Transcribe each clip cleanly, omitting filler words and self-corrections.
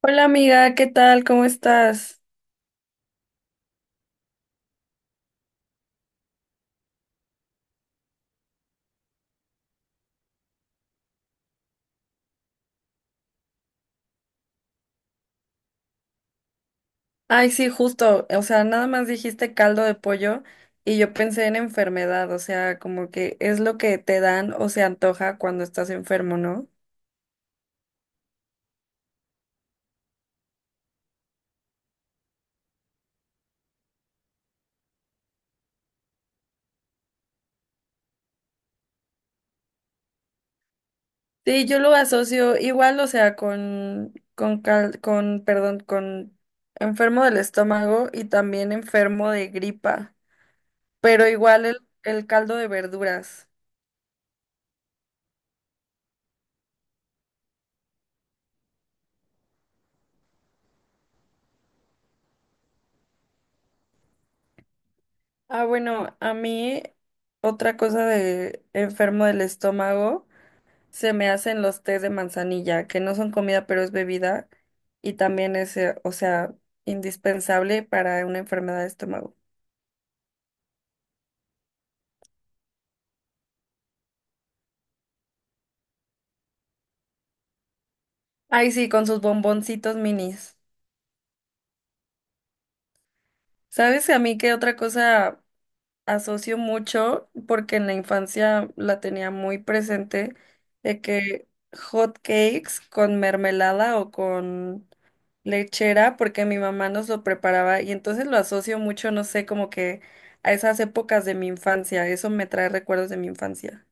Hola amiga, ¿qué tal? ¿Cómo estás? Ay, sí, justo, o sea, nada más dijiste caldo de pollo y yo pensé en enfermedad, o sea, como que es lo que te dan o se antoja cuando estás enfermo, ¿no? Sí, yo lo asocio igual, o sea, con perdón, con enfermo del estómago y también enfermo de gripa, pero igual el caldo de verduras. Ah, bueno, a mí otra cosa de enfermo del estómago se me hacen los tés de manzanilla, que no son comida, pero es bebida, y también es, o sea, indispensable para una enfermedad de estómago. Ay, sí, con sus bomboncitos minis. ¿Sabes a mí qué otra cosa asocio mucho? Porque en la infancia la tenía muy presente, de que hot cakes con mermelada o con lechera porque mi mamá nos lo preparaba y entonces lo asocio mucho, no sé, como que a esas épocas de mi infancia, eso me trae recuerdos de mi infancia.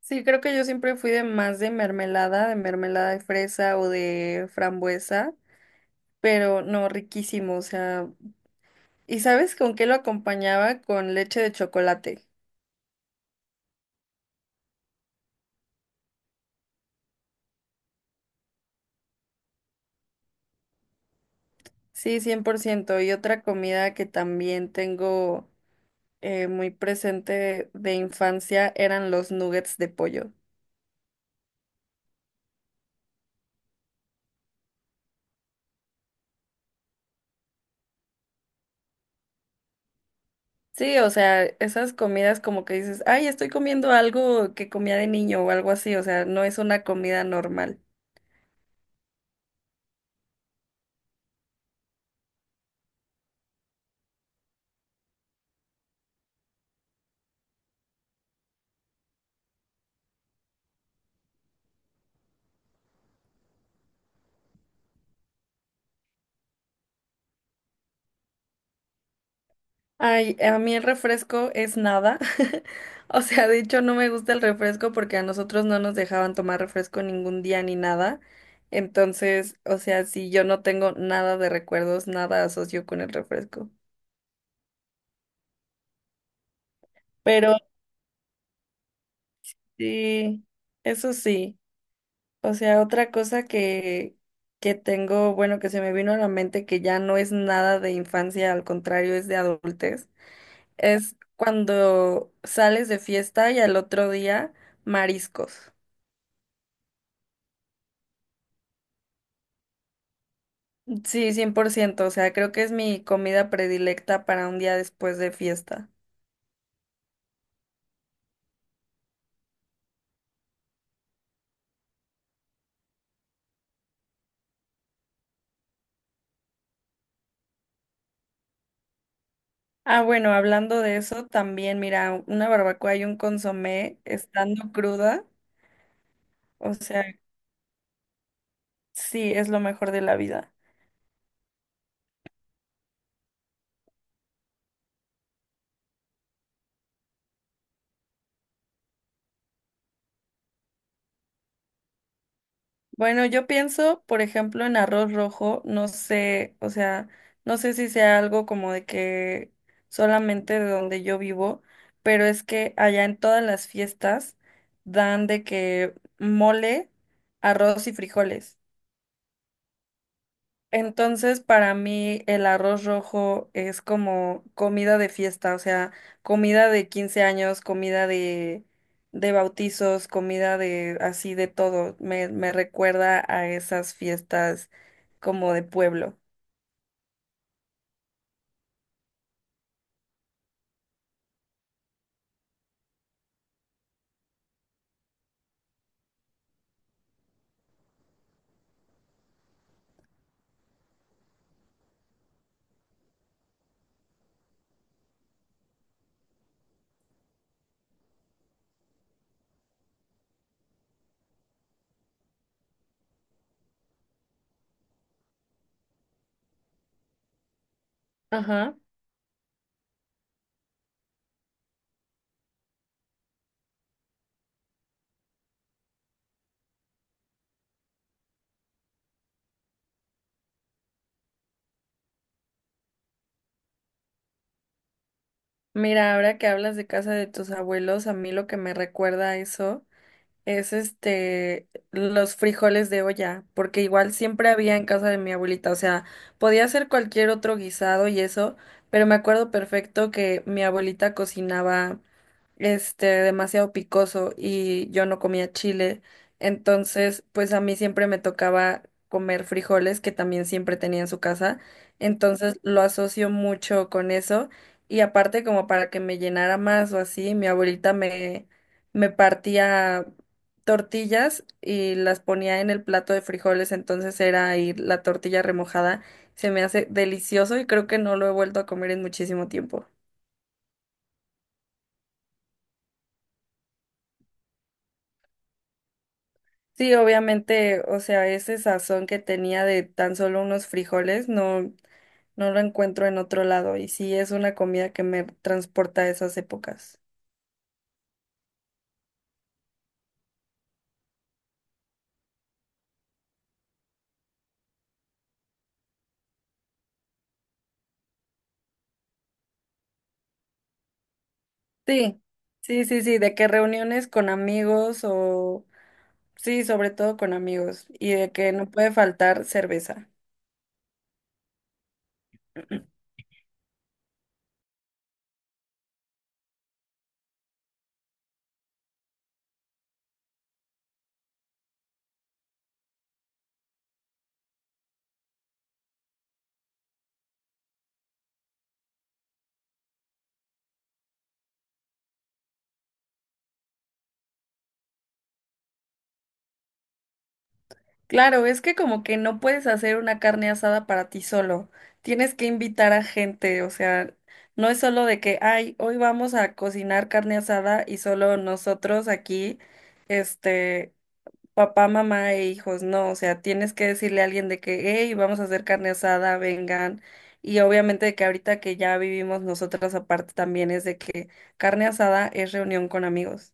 Sí, creo que yo siempre fui de más de mermelada, de mermelada de fresa o de frambuesa, pero no, riquísimo, o sea, ¿y sabes con qué lo acompañaba? Con leche de chocolate. Sí, 100%. Y otra comida que también tengo muy presente de infancia eran los nuggets de pollo. Sí, o sea, esas comidas como que dices, ay, estoy comiendo algo que comía de niño o algo así, o sea, no es una comida normal. Ay, a mí el refresco es nada. O sea, de hecho no me gusta el refresco porque a nosotros no nos dejaban tomar refresco ningún día ni nada. Entonces, o sea, sí, yo no tengo nada de recuerdos, nada asocio con el refresco. Pero sí, eso sí. O sea, otra cosa que tengo, bueno, que se me vino a la mente que ya no es nada de infancia, al contrario, es de adultez, es cuando sales de fiesta y al otro día mariscos. Sí, 100%, o sea, creo que es mi comida predilecta para un día después de fiesta. Ah, bueno, hablando de eso, también, mira, una barbacoa y un consomé estando cruda, o sea, sí, es lo mejor de la vida. Bueno, yo pienso, por ejemplo, en arroz rojo, no sé, o sea, no sé si sea algo como de que solamente de donde yo vivo, pero es que allá en todas las fiestas dan de que mole, arroz y frijoles. Entonces, para mí el arroz rojo es como comida de fiesta, o sea, comida de 15 años, comida de bautizos, comida de así de todo. Me recuerda a esas fiestas como de pueblo. Ajá. Mira, ahora que hablas de casa de tus abuelos, a mí lo que me recuerda a eso. Es los frijoles de olla, porque igual siempre había en casa de mi abuelita, o sea, podía hacer cualquier otro guisado y eso, pero me acuerdo perfecto que mi abuelita cocinaba demasiado picoso y yo no comía chile. Entonces, pues a mí siempre me tocaba comer frijoles, que también siempre tenía en su casa. Entonces, lo asocio mucho con eso. Y aparte, como para que me llenara más o así, mi abuelita me partía tortillas y las ponía en el plato de frijoles. Entonces, era ahí la tortilla remojada. Se me hace delicioso y creo que no lo he vuelto a comer en muchísimo tiempo. Sí, obviamente, o sea, ese sazón que tenía de tan solo unos frijoles, no, no lo encuentro en otro lado. Y sí, es una comida que me transporta a esas épocas. Sí, sí, sí, sí, de que reuniones con amigos o, sí, sobre todo con amigos, y de que no puede faltar cerveza. Claro, es que como que no puedes hacer una carne asada para ti solo. Tienes que invitar a gente, o sea, no es solo de que, ay, hoy vamos a cocinar carne asada y solo nosotros aquí, este, papá, mamá e hijos, no, o sea, tienes que decirle a alguien de que, hey, vamos a hacer carne asada, vengan. Y obviamente de que ahorita que ya vivimos nosotras aparte también es de que carne asada es reunión con amigos.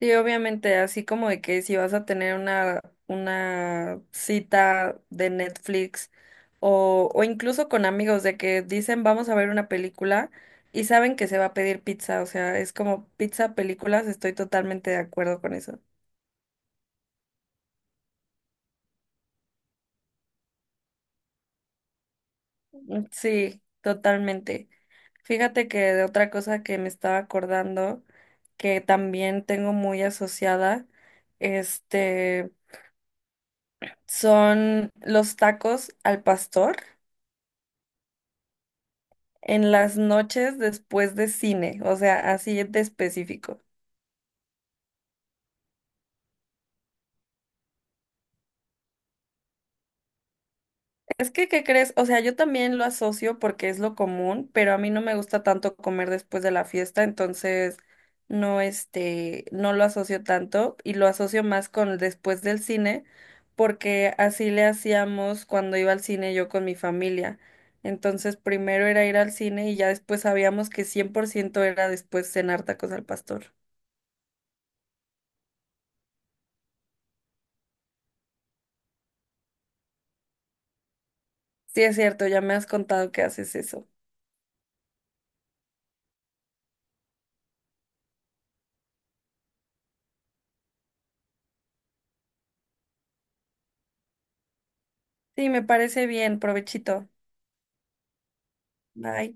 Sí, obviamente, así como de que si vas a tener una cita de Netflix o incluso con amigos de que dicen vamos a ver una película y saben que se va a pedir pizza, o sea, es como pizza, películas, estoy totalmente de acuerdo con eso. Mm, sí, totalmente. Fíjate que de otra cosa que me estaba acordando, que también tengo muy asociada, este, son los tacos al pastor. En las noches después de cine, o sea, así de específico. Es que, ¿qué crees? O sea, yo también lo asocio porque es lo común, pero a mí no me gusta tanto comer después de la fiesta, entonces no, no lo asocio tanto y lo asocio más con el después del cine, porque así le hacíamos cuando iba al cine yo con mi familia. Entonces, primero era ir al cine y ya después sabíamos que 100% era después cenar tacos al pastor. Sí, es cierto, ya me has contado que haces eso. Sí, me parece bien, provechito. Bye.